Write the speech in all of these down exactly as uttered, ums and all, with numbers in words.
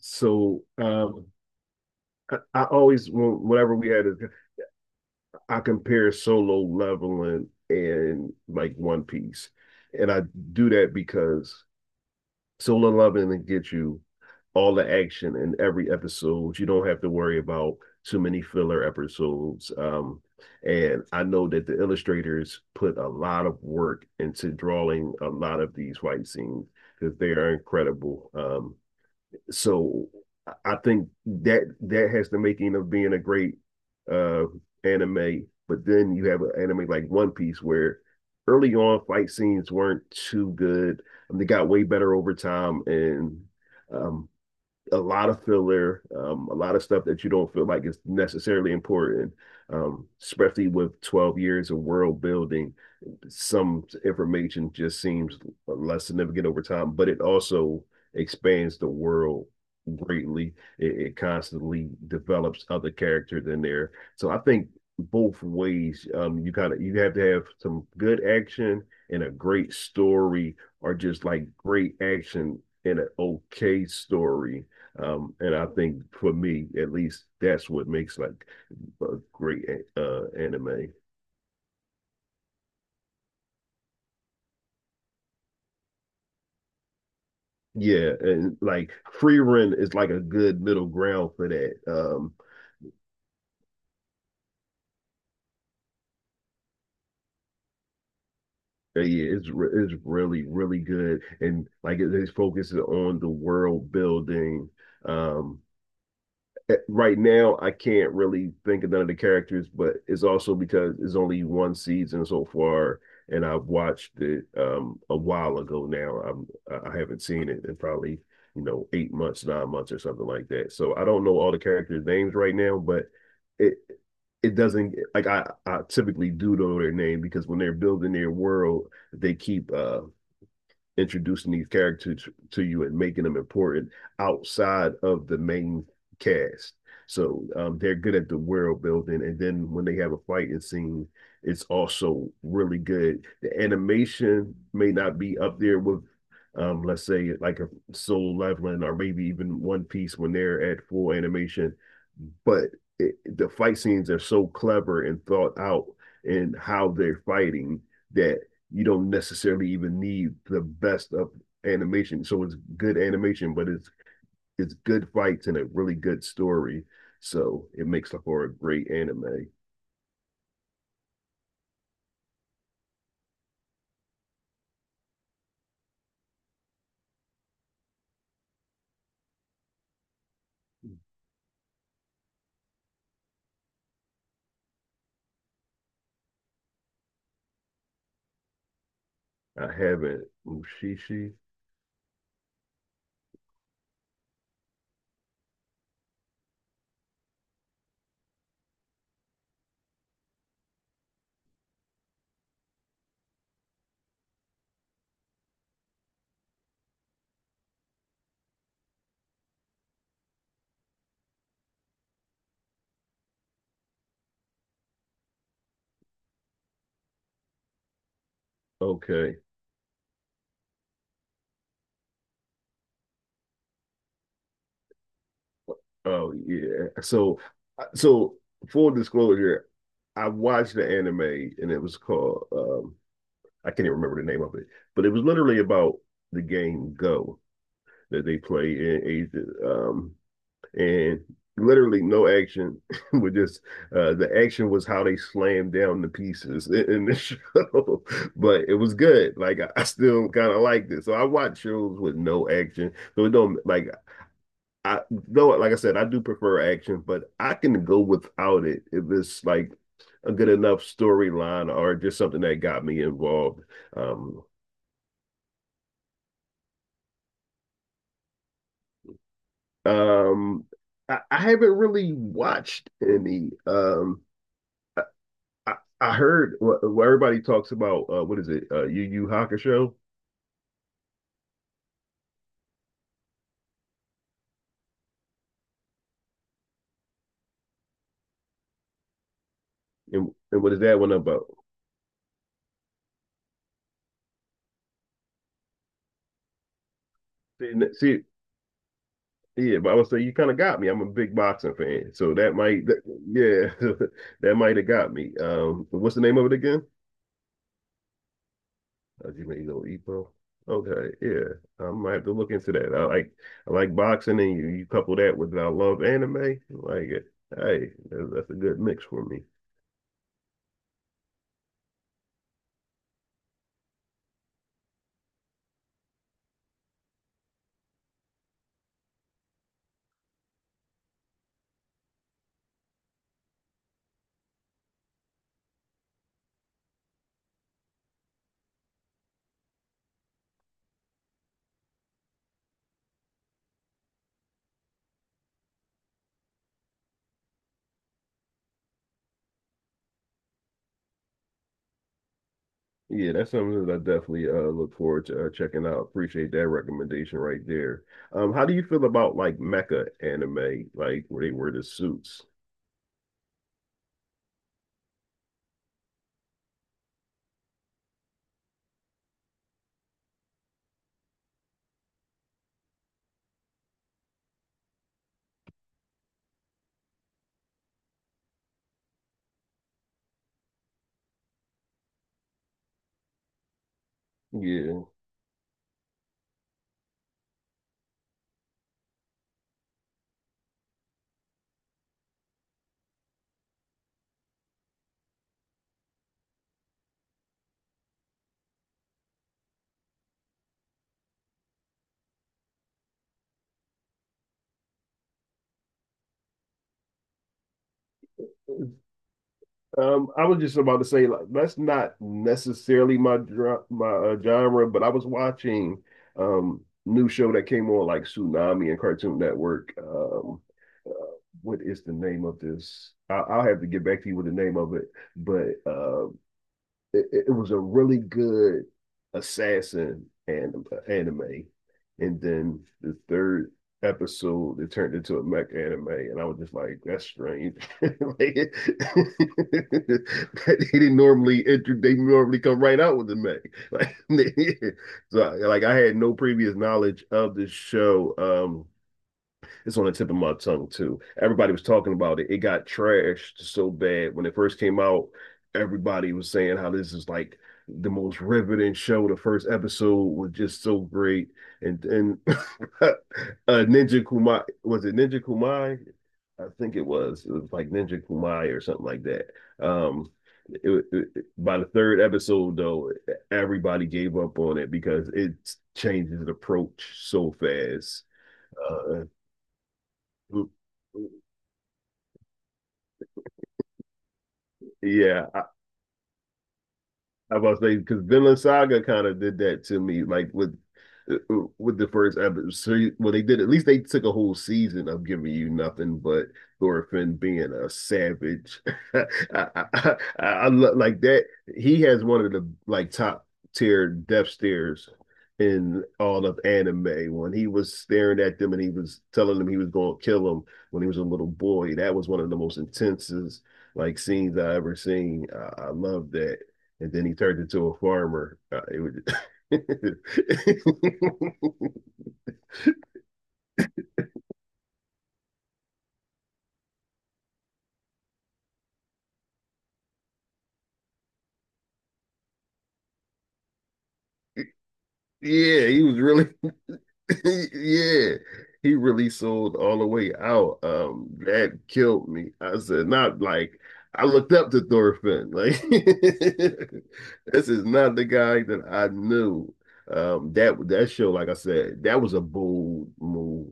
So um, I, I always whenever we had it, I compare Solo Leveling and like One Piece, and I do that because Solo Leveling gets you all the action in every episode. You don't have to worry about too many filler episodes. Um, and I know that the illustrators put a lot of work into drawing a lot of these fight scenes because they are incredible. Um, so I think that that has the making of being a great uh anime. But then you have an anime like One Piece where early on fight scenes weren't too good. And they got way better over time and um a lot of filler, um, a lot of stuff that you don't feel like is necessarily important, um, especially with twelve years of world building. Some information just seems less significant over time, but it also expands the world greatly. It, it constantly develops other characters in there. So I think both ways, um, you kind of you have to have some good action and a great story, or just like great action in an okay story um, and I think for me, at least, that's what makes like a great uh, anime. Yeah, and like Free Run is like a good middle ground for that. Um, yeah, it's re- it's really really good, and like it, it focuses on the world building. Um, eh, right now I can't really think of none of the characters, but it's also because it's only one season so far, and I've watched it um a while ago now. I'm I I haven't seen it in probably, you know, eight months, nine months or something like that. So I don't know all the characters' names right now, but it it doesn't like I, I typically do know their name because when they're building their world, they keep uh introducing these characters to you and making them important outside of the main cast. So um, they're good at the world building, and then when they have a fighting scene, it's also really good. The animation may not be up there with, um, let's say, like a Soul Leveling or maybe even One Piece when they're at full animation, but it, the fight scenes are so clever and thought out in how they're fighting that you don't necessarily even need the best of animation. So it's good animation, but it's it's good fights and a really good story. So it makes up for a great anime. I haven't Mushishi. Okay. Oh yeah. So uh, so full disclosure, I watched the anime and it was called um I can't even remember the name of it, but it was literally about the game Go that they play in Asia, um, and literally no action with just uh, the action was how they slammed down the pieces in, in the show but it was good like i, I still kind of liked it so I watch shows with no action so it don't like I though like I said I do prefer action but I can go without it if it's like a good enough storyline or just something that got me involved um. Um, I, I haven't really watched any. Um, I, I, I heard what, what everybody talks about. Uh, what is it? Uh, Yu Yu Hakusho, and and what is that one about? See, yeah, but I would say you kind of got me. I'm a big boxing fan, so that might, that, yeah, that might have got me. Um, what's the name of it again? Hajime no Ippo. Okay, yeah, I might have to look into that. I like I like boxing, and you, you couple that with I love anime. Like, hey, that's a good mix for me. Yeah, that's something that I definitely uh look forward to uh, checking out. Appreciate that recommendation right there. Um, how do you feel about like mecha anime, like where they wear the suits? Yeah. Um, I was just about to say like that's not necessarily my dra- my uh, genre, but I was watching um new show that came on like Tsunami and Cartoon Network. Um, what is the name of this? I- I'll have to get back to you with the name of it, but uh it, it was a really good assassin anim- anime, and then the third episode it turned into a mech anime, and I was just like, that's strange. like, they didn't normally they normally come right out with the mech. Like, so like I had no previous knowledge of this show. Um, it's on the tip of my tongue too. Everybody was talking about it. It got trashed so bad when it first came out. Everybody was saying how this is like the most riveting show. The first episode was just so great, and and uh, Ninja Kumai was it Ninja Kumai? I think it was. It was like Ninja Kumai or something like that. Um, it, it, by the third episode, though, everybody gave up on it because it changes the approach so fast. Uh, yeah, I, I was about to say because Vinland Saga kind of did that to me, like with with the first episode. So, well, they did at least they took a whole season of giving you nothing but Thorfinn being a savage. I, I, I, I love like that. He has one of the like top tier death stares in all of anime when he was staring at them and he was telling them he was going to kill him when he was a little boy. That was one of the most intensest like scenes I ever seen. I, I love that and then he turned into a farmer. Uh, it would, yeah, he was really, yeah, he really sold all the way out. Um, that killed me. I said, not like I looked up to Thorfinn. Like, this is not the guy that I knew. Um, that that show, like I said, that was a bold move.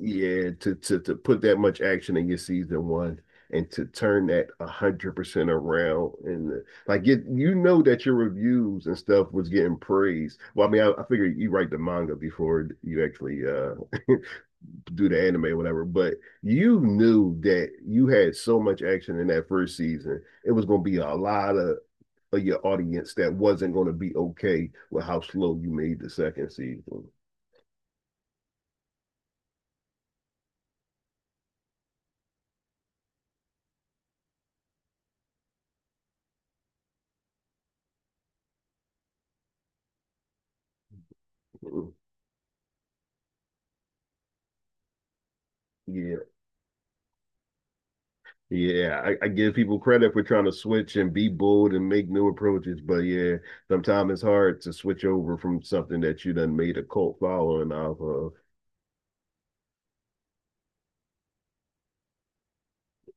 Yeah, to to to put that much action in your season one and to turn that a hundred percent around and the, like it, you know that your reviews and stuff was getting praised. Well, I mean, I, I figure you write the manga before you actually uh do the anime or whatever, but you knew that you had so much action in that first season, it was going to be a lot of, of your audience that wasn't going to be okay with how slow you made the second season. Mhm. Yeah, Yeah, I, I give people credit for trying to switch and be bold and make new approaches, but yeah, sometimes it's hard to switch over from something that you done made a cult following off of.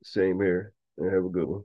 Same here. And have a good one.